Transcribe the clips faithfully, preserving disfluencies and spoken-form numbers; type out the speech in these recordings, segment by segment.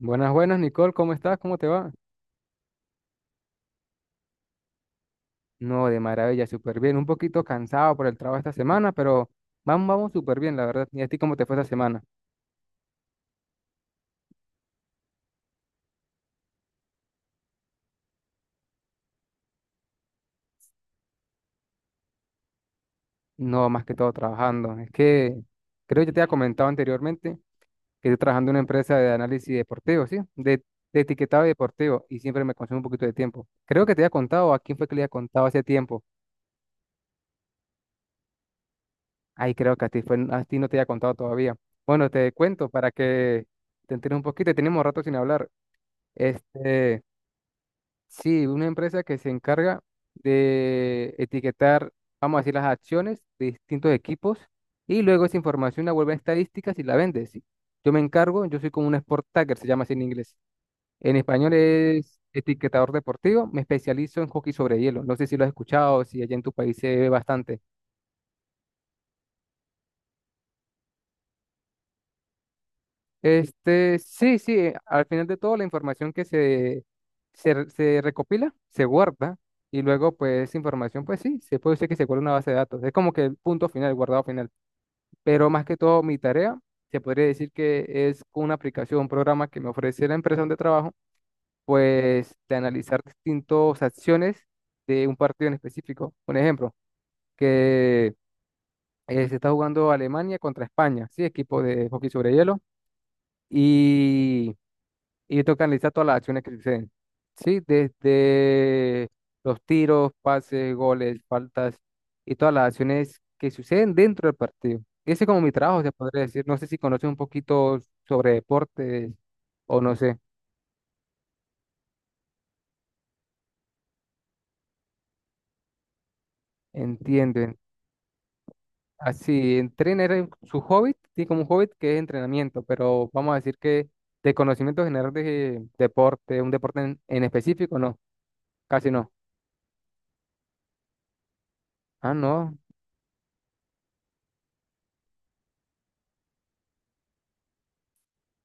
Buenas, buenas, Nicole, ¿cómo estás? ¿Cómo te va? No, de maravilla, súper bien. Un poquito cansado por el trabajo esta semana, pero vamos, vamos súper bien, la verdad. ¿Y a ti cómo te fue esta semana? No, más que todo trabajando. Es que creo que ya te había comentado anteriormente que estoy trabajando en una empresa de análisis deportivo, ¿sí? De, de etiquetado deportivo y siempre me consume un poquito de tiempo. Creo que te había contado, ¿a quién fue que le había contado hace tiempo? Ay, creo que a ti, fue, a ti no te había contado todavía. Bueno, te cuento para que te enteres un poquito. Tenemos rato sin hablar. Este. Sí, una empresa que se encarga de etiquetar, vamos a decir, las acciones de distintos equipos y luego esa información la vuelve a estadísticas y la vende. Sí. Yo me encargo, yo soy como un sport tagger, se llama así en inglés. En español es etiquetador deportivo, me especializo en hockey sobre hielo. No sé si lo has escuchado, si allá en tu país se ve bastante. Este, sí, sí, al final de todo la información que se, se, re- se recopila, se guarda y luego pues esa información pues sí, se puede decir que se guarda en una base de datos. Es como que el punto final, el guardado final. Pero más que todo mi tarea, se podría decir que es con una aplicación, un programa que me ofrece la empresa donde trabajo, pues de analizar distintas acciones de un partido en específico. Un ejemplo, que eh, se está jugando Alemania contra España, sí, equipo de hockey sobre hielo. Y y toca analizar todas las acciones que suceden. Sí, desde los tiros, pases, goles, faltas y todas las acciones que suceden dentro del partido. Ese es como mi trabajo, se podría decir. No sé si conoces un poquito sobre deportes o no sé, entienden. Así, entrenar es su hobby, tiene como un hobby que es entrenamiento, pero vamos a decir que de conocimiento general de deporte, un deporte en, en específico, no, casi no. Ah, no,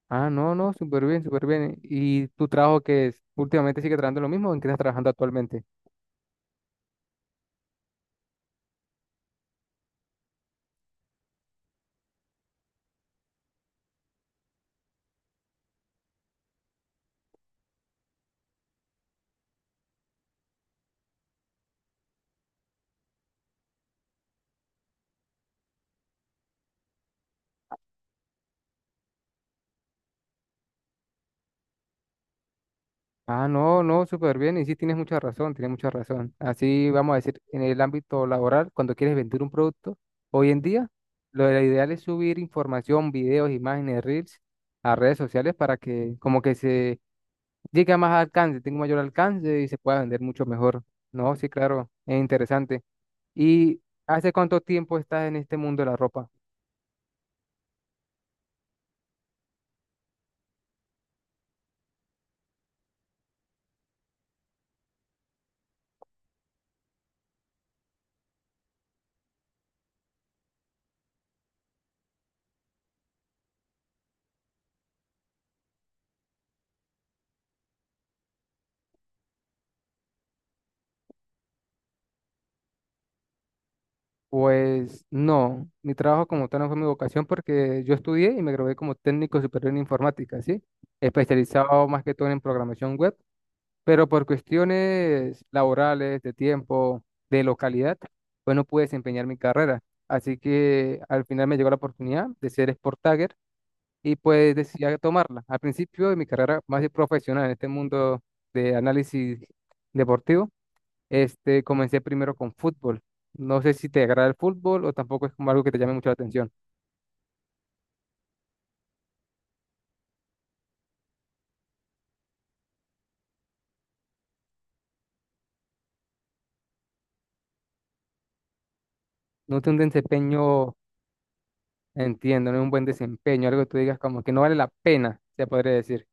Ah, no, no, súper bien, súper bien. ¿Y tu trabajo que es? ¿Últimamente sigue trabajando lo mismo o en qué estás trabajando actualmente? Ah, no, no, súper bien. Y sí, tienes mucha razón, tienes mucha razón. Así vamos a decir, en el ámbito laboral, cuando quieres vender un producto, hoy en día, lo ideal es subir información, videos, imágenes, reels a redes sociales para que como que se llegue a más alcance, tenga un mayor alcance y se pueda vender mucho mejor. No, sí, claro, es interesante. ¿Y hace cuánto tiempo estás en este mundo de la ropa? Pues no, mi trabajo como tal no fue mi vocación porque yo estudié y me gradué como técnico superior en informática, ¿sí? Especializado más que todo en programación web, pero por cuestiones laborales, de tiempo, de localidad, pues no pude desempeñar mi carrera. Así que al final me llegó la oportunidad de ser Sport Tagger y pues decidí tomarla. Al principio de mi carrera más de profesional en este mundo de análisis deportivo este, comencé primero con fútbol. No sé si te agrada el fútbol o tampoco es como algo que te llame mucho la atención. No tiene un desempeño, entiendo, no es un buen desempeño, algo que tú digas como que no vale la pena, se podría decir.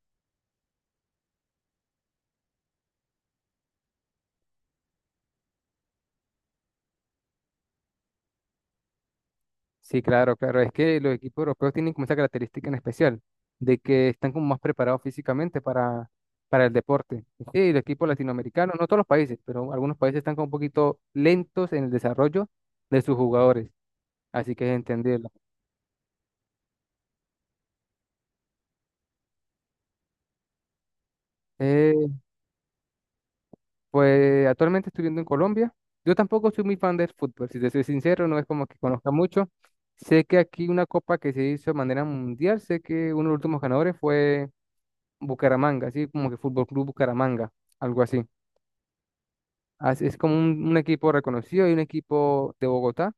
Sí, claro, claro. Es que los equipos europeos tienen como esa característica en especial, de que están como más preparados físicamente para, para el deporte. Y los equipos latinoamericanos, no todos los países, pero algunos países están como un poquito lentos en el desarrollo de sus jugadores. Así que es entenderlo. Pues actualmente estoy viviendo en Colombia. Yo tampoco soy muy fan del fútbol, si te soy sincero, no es como que conozca mucho. Sé que aquí una copa que se hizo de manera mundial, sé que uno de los últimos ganadores fue Bucaramanga, así como que Fútbol Club Bucaramanga, algo así. Así es como un, un equipo reconocido y un equipo de Bogotá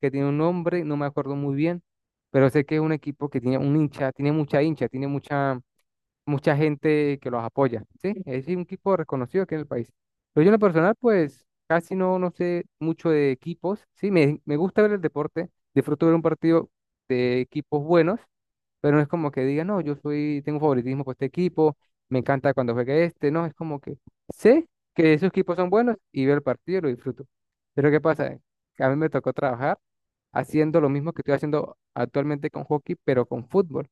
que tiene un nombre, no me acuerdo muy bien, pero sé que es un equipo que tiene un hincha, tiene mucha hincha, tiene mucha mucha gente que los apoya, ¿sí? Es decir, un equipo reconocido aquí en el país. Pero yo en lo personal, pues casi no, no sé mucho de equipos, ¿sí? Me, me gusta ver el deporte, disfruto ver un partido de equipos buenos, pero no es como que diga, no, yo soy, tengo favoritismo por este equipo, me encanta cuando juega este, no, es como que sé que esos equipos son buenos y veo el partido y lo disfruto. Pero ¿qué pasa? Que a mí me tocó trabajar haciendo lo mismo que estoy haciendo actualmente con hockey, pero con fútbol.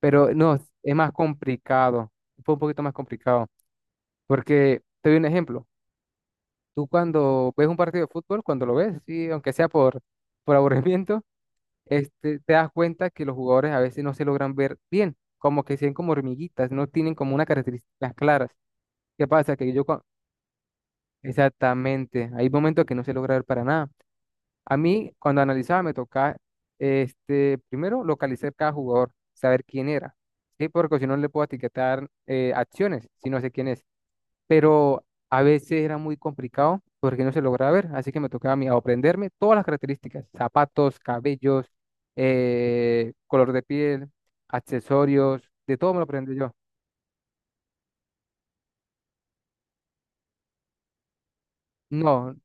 Pero no, es más complicado. Fue un poquito más complicado. Porque te doy un ejemplo. Tú cuando ves un partido de fútbol, cuando lo ves, sí, aunque sea por, por aburrimiento, este, te das cuenta que los jugadores a veces no se logran ver bien, como que se ven como hormiguitas, no tienen como unas características claras. ¿Qué pasa? Que yo, cua- exactamente, hay momentos que no se logra ver para nada. A mí, cuando analizaba, me tocaba, este, primero localizar cada jugador, saber quién era, ¿sí? Porque si no no le puedo etiquetar eh, acciones, si no sé quién es. Pero a veces era muy complicado porque no se lograba ver, así que me tocaba a mí aprenderme todas las características, zapatos, cabellos, eh, color de piel, accesorios, de todo me lo aprendí yo. No,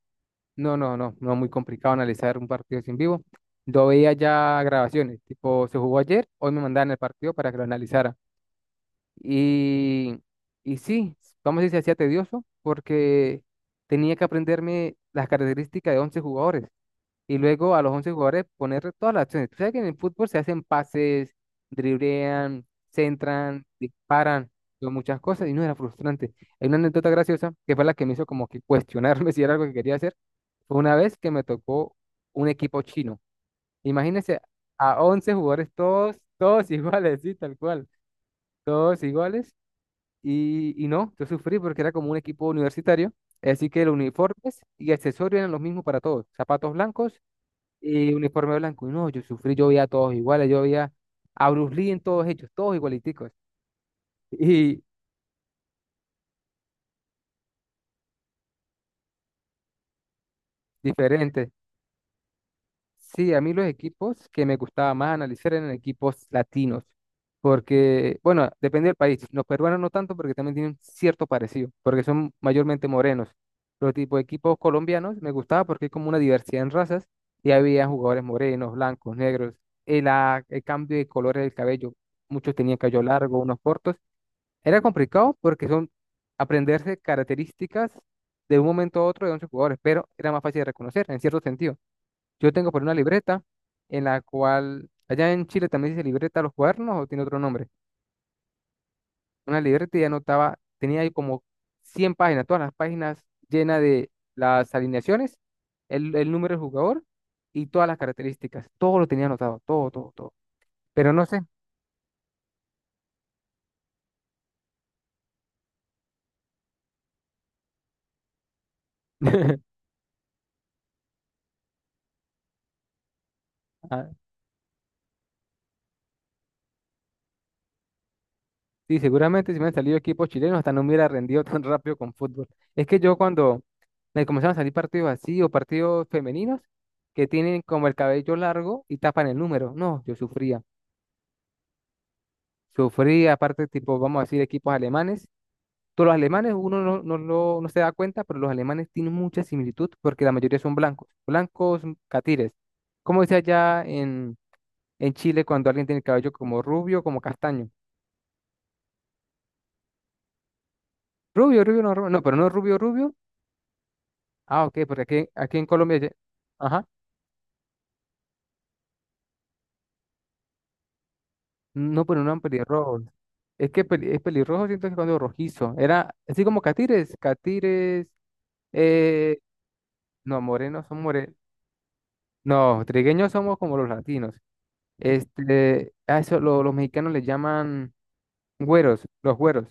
no, no, no, no muy complicado analizar un partido así en vivo. Yo veía ya grabaciones, tipo, se jugó ayer, hoy me mandaban el partido para que lo analizara. Y, y sí, vamos a decir, se hacía tedioso porque tenía que aprenderme las características de once jugadores y luego a los once jugadores poner todas las acciones. Tú sabes que en el fútbol se hacen pases, driblean, centran, disparan, son muchas cosas y no era frustrante. Hay una anécdota graciosa que fue la que me hizo como que cuestionarme si era algo que quería hacer fue una vez que me tocó un equipo chino. Imagínense a once jugadores, todos, todos iguales, sí, tal cual, todos iguales. Y, y no, yo sufrí porque era como un equipo universitario. Así que los uniformes y accesorios eran los mismos para todos. Zapatos blancos y uniforme blanco. Y no, yo sufrí, yo veía a todos iguales, yo veía a Bruce Lee en todos ellos, todos igualiticos y diferentes. Sí, a mí los equipos que me gustaba más analizar eran equipos latinos, porque, bueno, depende del país. Los peruanos no tanto porque también tienen cierto parecido, porque son mayormente morenos. Pero tipo de equipos colombianos me gustaba porque hay como una diversidad en razas y había jugadores morenos, blancos, negros. El, ah, el cambio de colores del cabello, muchos tenían cabello largo, unos cortos. Era complicado porque son aprenderse características de un momento a otro de once jugadores, pero era más fácil de reconocer en cierto sentido. Yo tengo por una libreta en la cual, allá en Chile también se dice libreta a los cuadernos o tiene otro nombre. Una libreta y anotaba, tenía ahí como cien páginas, todas las páginas llenas de las alineaciones, el, el número del jugador y todas las características. Todo lo tenía anotado, todo, todo, todo. Pero no sé. Ah, sí, seguramente si me han salido equipos chilenos, hasta no me hubiera rendido tan rápido con fútbol. Es que yo cuando me comenzaron a salir partidos así o partidos femeninos que tienen como el cabello largo y tapan el número, no, yo sufría. Sufría, aparte, tipo, vamos a decir, equipos alemanes. Todos los alemanes, uno no, no, lo- no se da cuenta, pero los alemanes tienen mucha similitud porque la mayoría son blancos, blancos catires. Como dice allá en, en Chile cuando alguien tiene el cabello como rubio, como castaño. Rubio, rubio, no, rubio, no, pero no rubio, rubio. Ah, ok, porque aquí, aquí en Colombia, ya- ajá, no, pero no eran pelirrojos. Es que peli- es pelirrojo, siento que cuando rojizo. Era así como catires, catires, eh, no, morenos son morenos. No, trigueños somos como los latinos. Este, a eso lo- los mexicanos le llaman güeros, los güeros,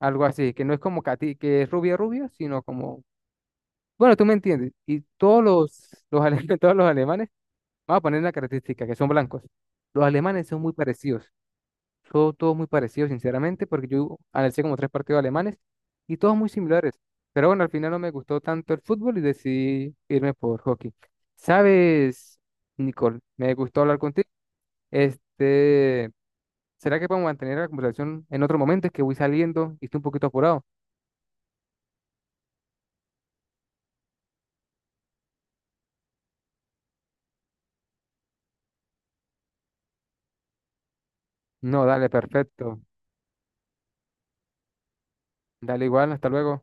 algo así, que no es como cati, que es rubia rubia, sino como, bueno, tú me entiendes. Y todos los, los, ale- todos los alemanes, vamos a poner una característica, que son blancos. Los alemanes son muy parecidos. Todo, todo muy parecido, sinceramente, porque yo analicé como tres partidos alemanes y todos muy similares. Pero bueno, al final no me gustó tanto el fútbol y decidí irme por hockey. ¿Sabes, Nicole? Me gustó hablar contigo. Este, ¿será que podemos mantener la conversación en otro momento? Es que voy saliendo y estoy un poquito apurado. No, dale, perfecto. Dale igual, hasta luego.